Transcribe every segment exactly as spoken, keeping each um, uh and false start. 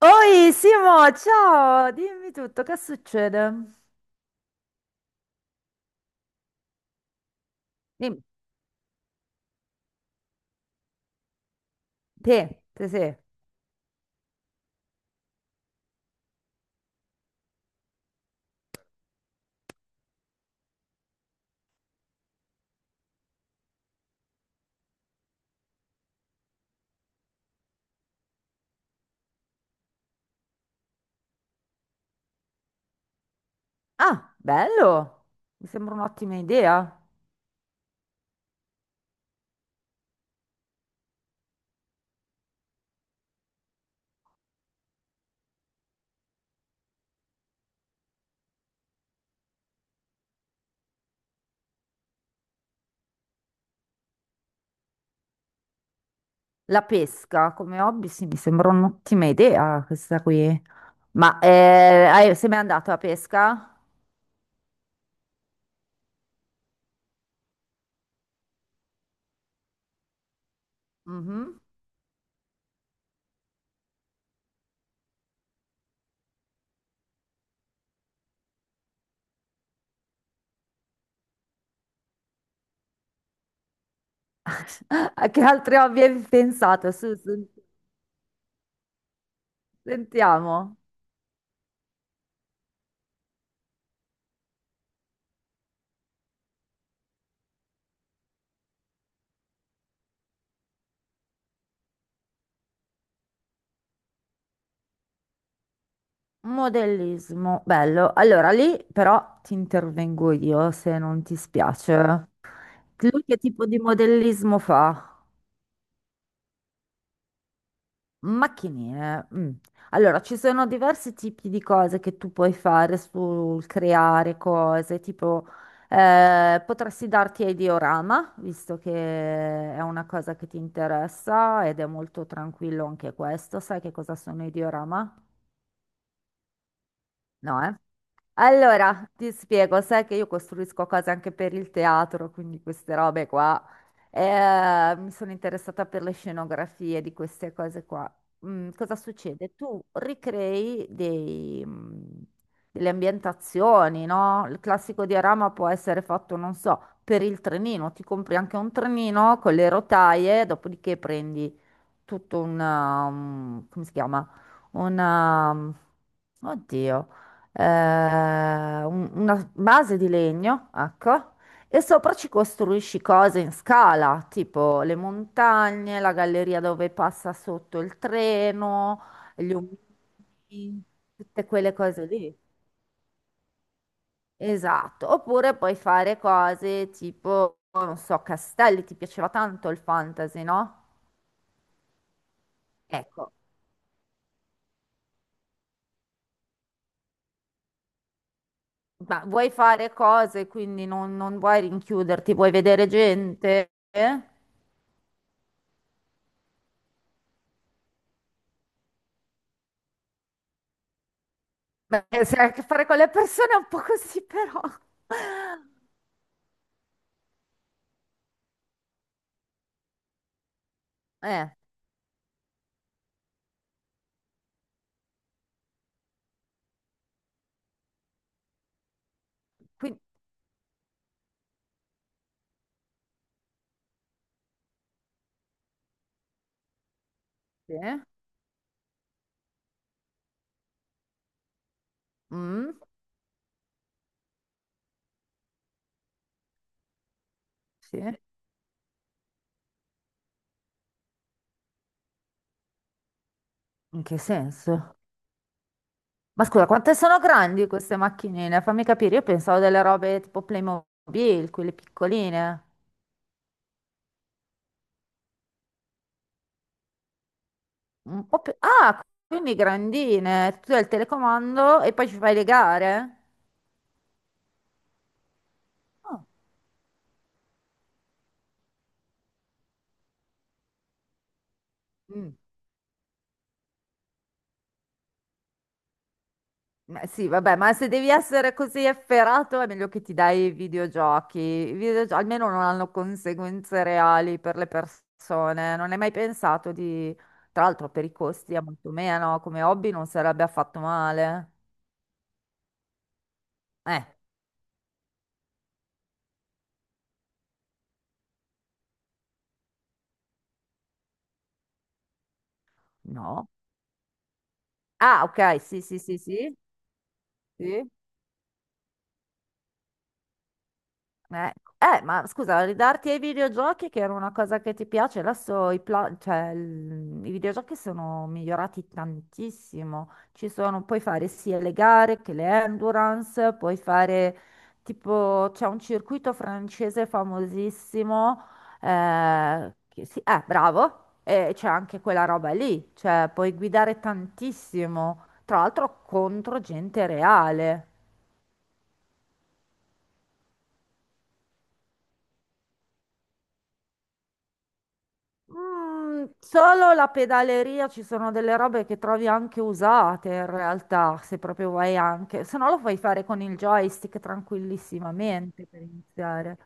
Oi Simo, ciao, dimmi tutto, che succede? Dimmi, te, te, te. Ah, bello, mi sembra un'ottima idea. La pesca come hobby, sì, mi sembra un'ottima idea questa qui. Ma eh, hai- sei mai andato a pesca? Mhm. A che altri hobby hai pensato? Su, su, sentiamo. Modellismo, bello. Allora lì però ti intervengo io se non ti spiace. Lui che tipo di modellismo fa? Macchinine. Mm. Allora, ci sono diversi tipi di cose che tu puoi fare sul creare cose, tipo eh, potresti darti ai diorama, visto che è una cosa che ti interessa ed è molto tranquillo anche questo. Sai che cosa sono i diorama? No, eh? Allora, ti spiego, sai che io costruisco cose anche per il teatro, quindi queste robe qua. Eh, mi sono interessata per le scenografie di queste cose qua. Mm, cosa succede? Tu ricrei dei, mm, delle ambientazioni, no? Il classico diorama può essere fatto, non so, per il trenino. Ti compri anche un trenino con le rotaie, dopodiché prendi tutto una, um, come si chiama? Una, um, oddio, eh, un- una base di legno, ecco, e sopra ci costruisci cose in scala, tipo le montagne, la galleria dove passa sotto il treno, gli omini, tutte quelle cose lì. Esatto, oppure puoi fare cose tipo, non so, castelli, ti piaceva tanto il fantasy, no? Ecco. Ma vuoi fare cose, quindi non, non vuoi rinchiuderti, vuoi vedere gente? Eh? Beh, se hai a che fare con le persone è un po' così, però. Eh, quindi... Sì. Mm, sì. In che senso? Ma scusa, quante sono grandi queste macchinine? Fammi capire, io pensavo delle robe tipo Playmobil, quelle piccoline. Un po' più. Ah, quindi grandine. Tu hai il telecomando e poi ci fai le gare? Ah, mm. Ma sì, vabbè, ma se devi essere così efferato è meglio che ti dai i videogiochi. I videogio- almeno non hanno conseguenze reali per le persone. Non hai mai pensato di. Tra l'altro per i costi è molto meno, come hobby non sarebbe affatto male. Eh, no. Ah, ok, sì, sì, sì, sì, sì. Eh, eh, ma scusa, ridarti ai videogiochi che era una cosa che ti piace, adesso i, pla- cioè, il- i videogiochi sono migliorati tantissimo. Ci sono, puoi fare sia le gare che le endurance, puoi fare tipo, c'è un circuito francese famosissimo, eh, che si- eh, bravo, e c'è anche quella roba lì, cioè puoi guidare tantissimo, tra l'altro contro gente reale. Mm, solo la pedaleria ci sono delle robe che trovi anche usate in realtà, se proprio vuoi anche, se no lo puoi fare con il joystick tranquillissimamente per iniziare.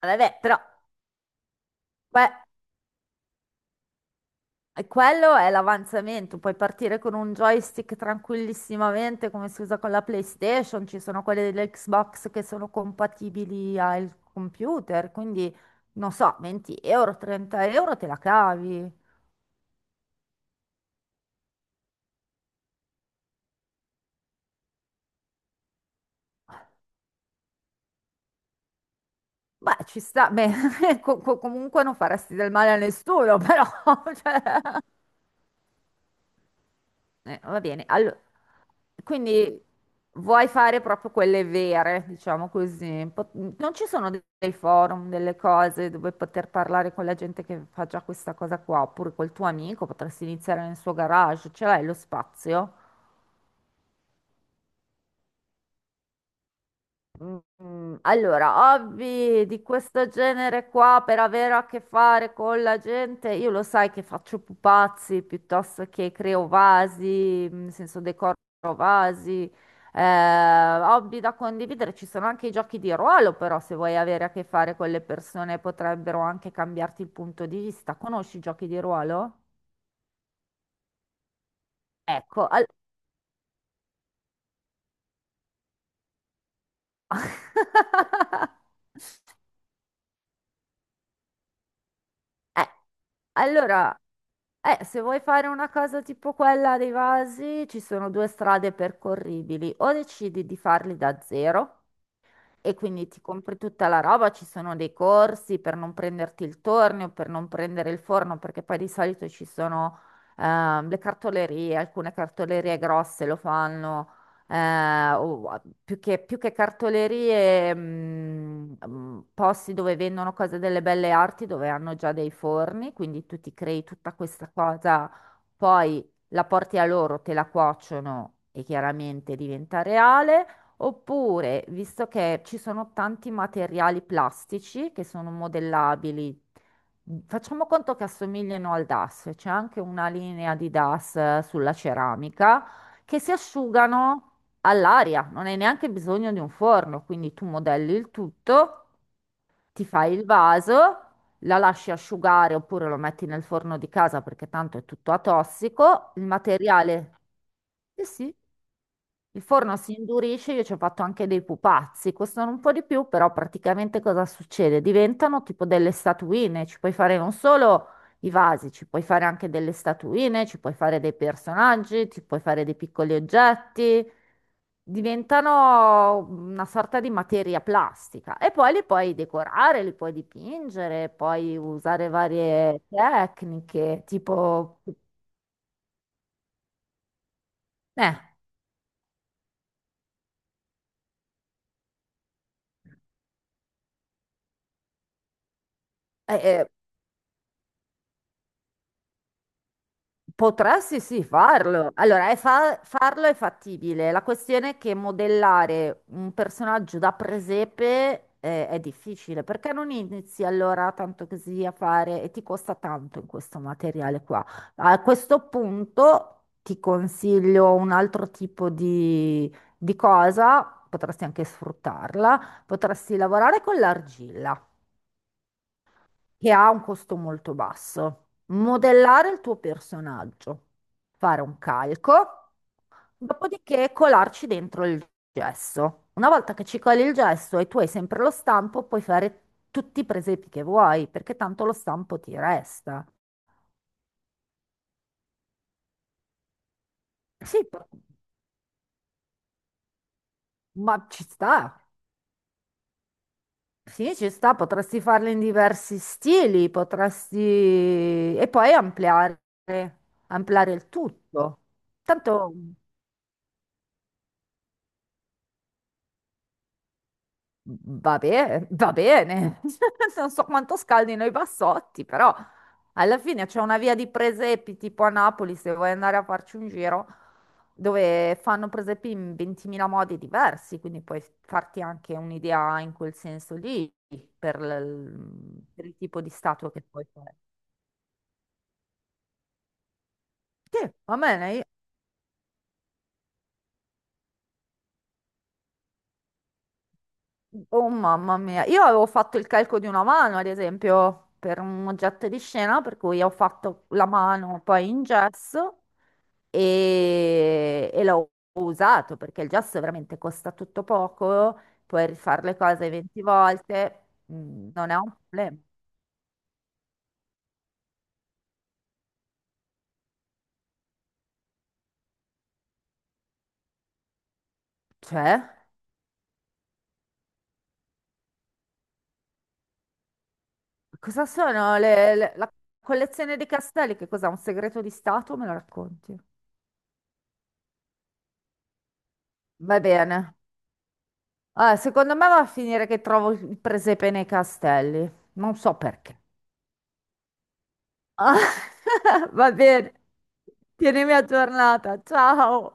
Vabbè, però que- quello è l'avanzamento, puoi partire con un joystick tranquillissimamente come si usa con la PlayStation, ci sono quelle dell'Xbox che sono compatibili al computer, quindi non so, venti euro, trenta euro te la cavi. Beh, ci sta, beh, co- co- comunque non faresti del male a nessuno, però, cioè, eh, va bene. Allora, quindi vuoi fare proprio quelle vere, diciamo così. Po- non ci sono de- dei forum, delle cose dove poter parlare con la gente che fa già questa cosa qua, oppure col tuo amico, potresti iniziare nel suo garage, ce l'hai lo spazio? Mm, Allora, hobby di questo genere qua per avere a che fare con la gente, io lo sai che faccio pupazzi piuttosto che creo vasi, nel senso decoro vasi, eh, hobby da condividere, ci sono anche i giochi di ruolo, però se vuoi avere a che fare con le persone potrebbero anche cambiarti il punto di vista. Conosci i giochi di ruolo? Ecco, al- Eh, allora, eh, se vuoi fare una cosa tipo quella dei vasi, ci sono due strade percorribili. O decidi di farli da zero. E quindi ti compri tutta la roba, ci sono dei corsi per non prenderti il tornio, per non prendere il forno, perché poi di solito ci sono ehm, le cartolerie, alcune cartolerie grosse lo fanno, eh, o- più che, più che cartolerie, mm, mm, posti dove vendono cose delle belle arti, dove hanno già dei forni, quindi tu ti crei tutta questa cosa, poi la porti a loro, te la cuociono e chiaramente diventa reale. Oppure, visto che ci sono tanti materiali plastici che sono modellabili, facciamo conto che assomigliano al DAS, c'è anche una linea di DAS eh, sulla ceramica che si asciugano all'aria, non hai neanche bisogno di un forno, quindi tu modelli il tutto, ti fai il vaso, la lasci asciugare oppure lo metti nel forno di casa perché tanto è tutto atossico, il materiale. Sì, sì. Il forno si indurisce, io ci ho fatto anche dei pupazzi, costano un po' di più, però praticamente cosa succede? Diventano tipo delle statuine, ci puoi fare non solo i vasi, ci puoi fare anche delle statuine, ci puoi fare dei personaggi, ci puoi fare dei piccoli oggetti, diventano una sorta di materia plastica e poi li puoi decorare, li puoi dipingere, puoi usare varie tecniche, tipo. Eh, eh, eh, Potresti sì sì, farlo. Allora, è fa- farlo è fattibile. La questione è che modellare un personaggio da presepe eh, è difficile. Perché non inizi allora tanto così a fare e ti costa tanto in questo materiale qua? A questo punto ti consiglio un altro tipo di, di cosa, potresti anche sfruttarla, potresti lavorare con l'argilla che ha un costo molto basso. Modellare il tuo personaggio, fare un calco, dopodiché colarci dentro il gesso. Una volta che ci coli il gesso e tu hai sempre lo stampo, puoi fare tutti i presepi che vuoi, perché tanto lo stampo ti resta. Sì, po- ma ci sta. Sì, ci sta, potresti farle in diversi stili, potresti. E poi ampliare, ampliare, il tutto. Tanto. Va bene, va bene. Non so quanto scaldino i bassotti, però alla fine c'è una via di presepi tipo a Napoli, se vuoi andare a farci un giro, dove fanno presepi in ventimila modi diversi, quindi puoi farti anche un'idea in quel senso lì per, l- per il tipo di statua che puoi fare. Sì, va bene. io- Oh mamma mia, io avevo fatto il calco di una mano, ad esempio, per un oggetto di scena, per cui ho fatto la mano poi in gesso e, e l'ho usato perché il gesso veramente costa tutto poco, puoi rifare le cose venti volte, mm, non è un problema. Cioè, cosa sono le- le- la collezione di castelli? Che cos'è? Un segreto di Stato? Me lo racconti? Va bene. Ah, secondo me va a finire che trovo il presepe nei castelli, non so perché. Va bene. Tienimi aggiornata. Ciao.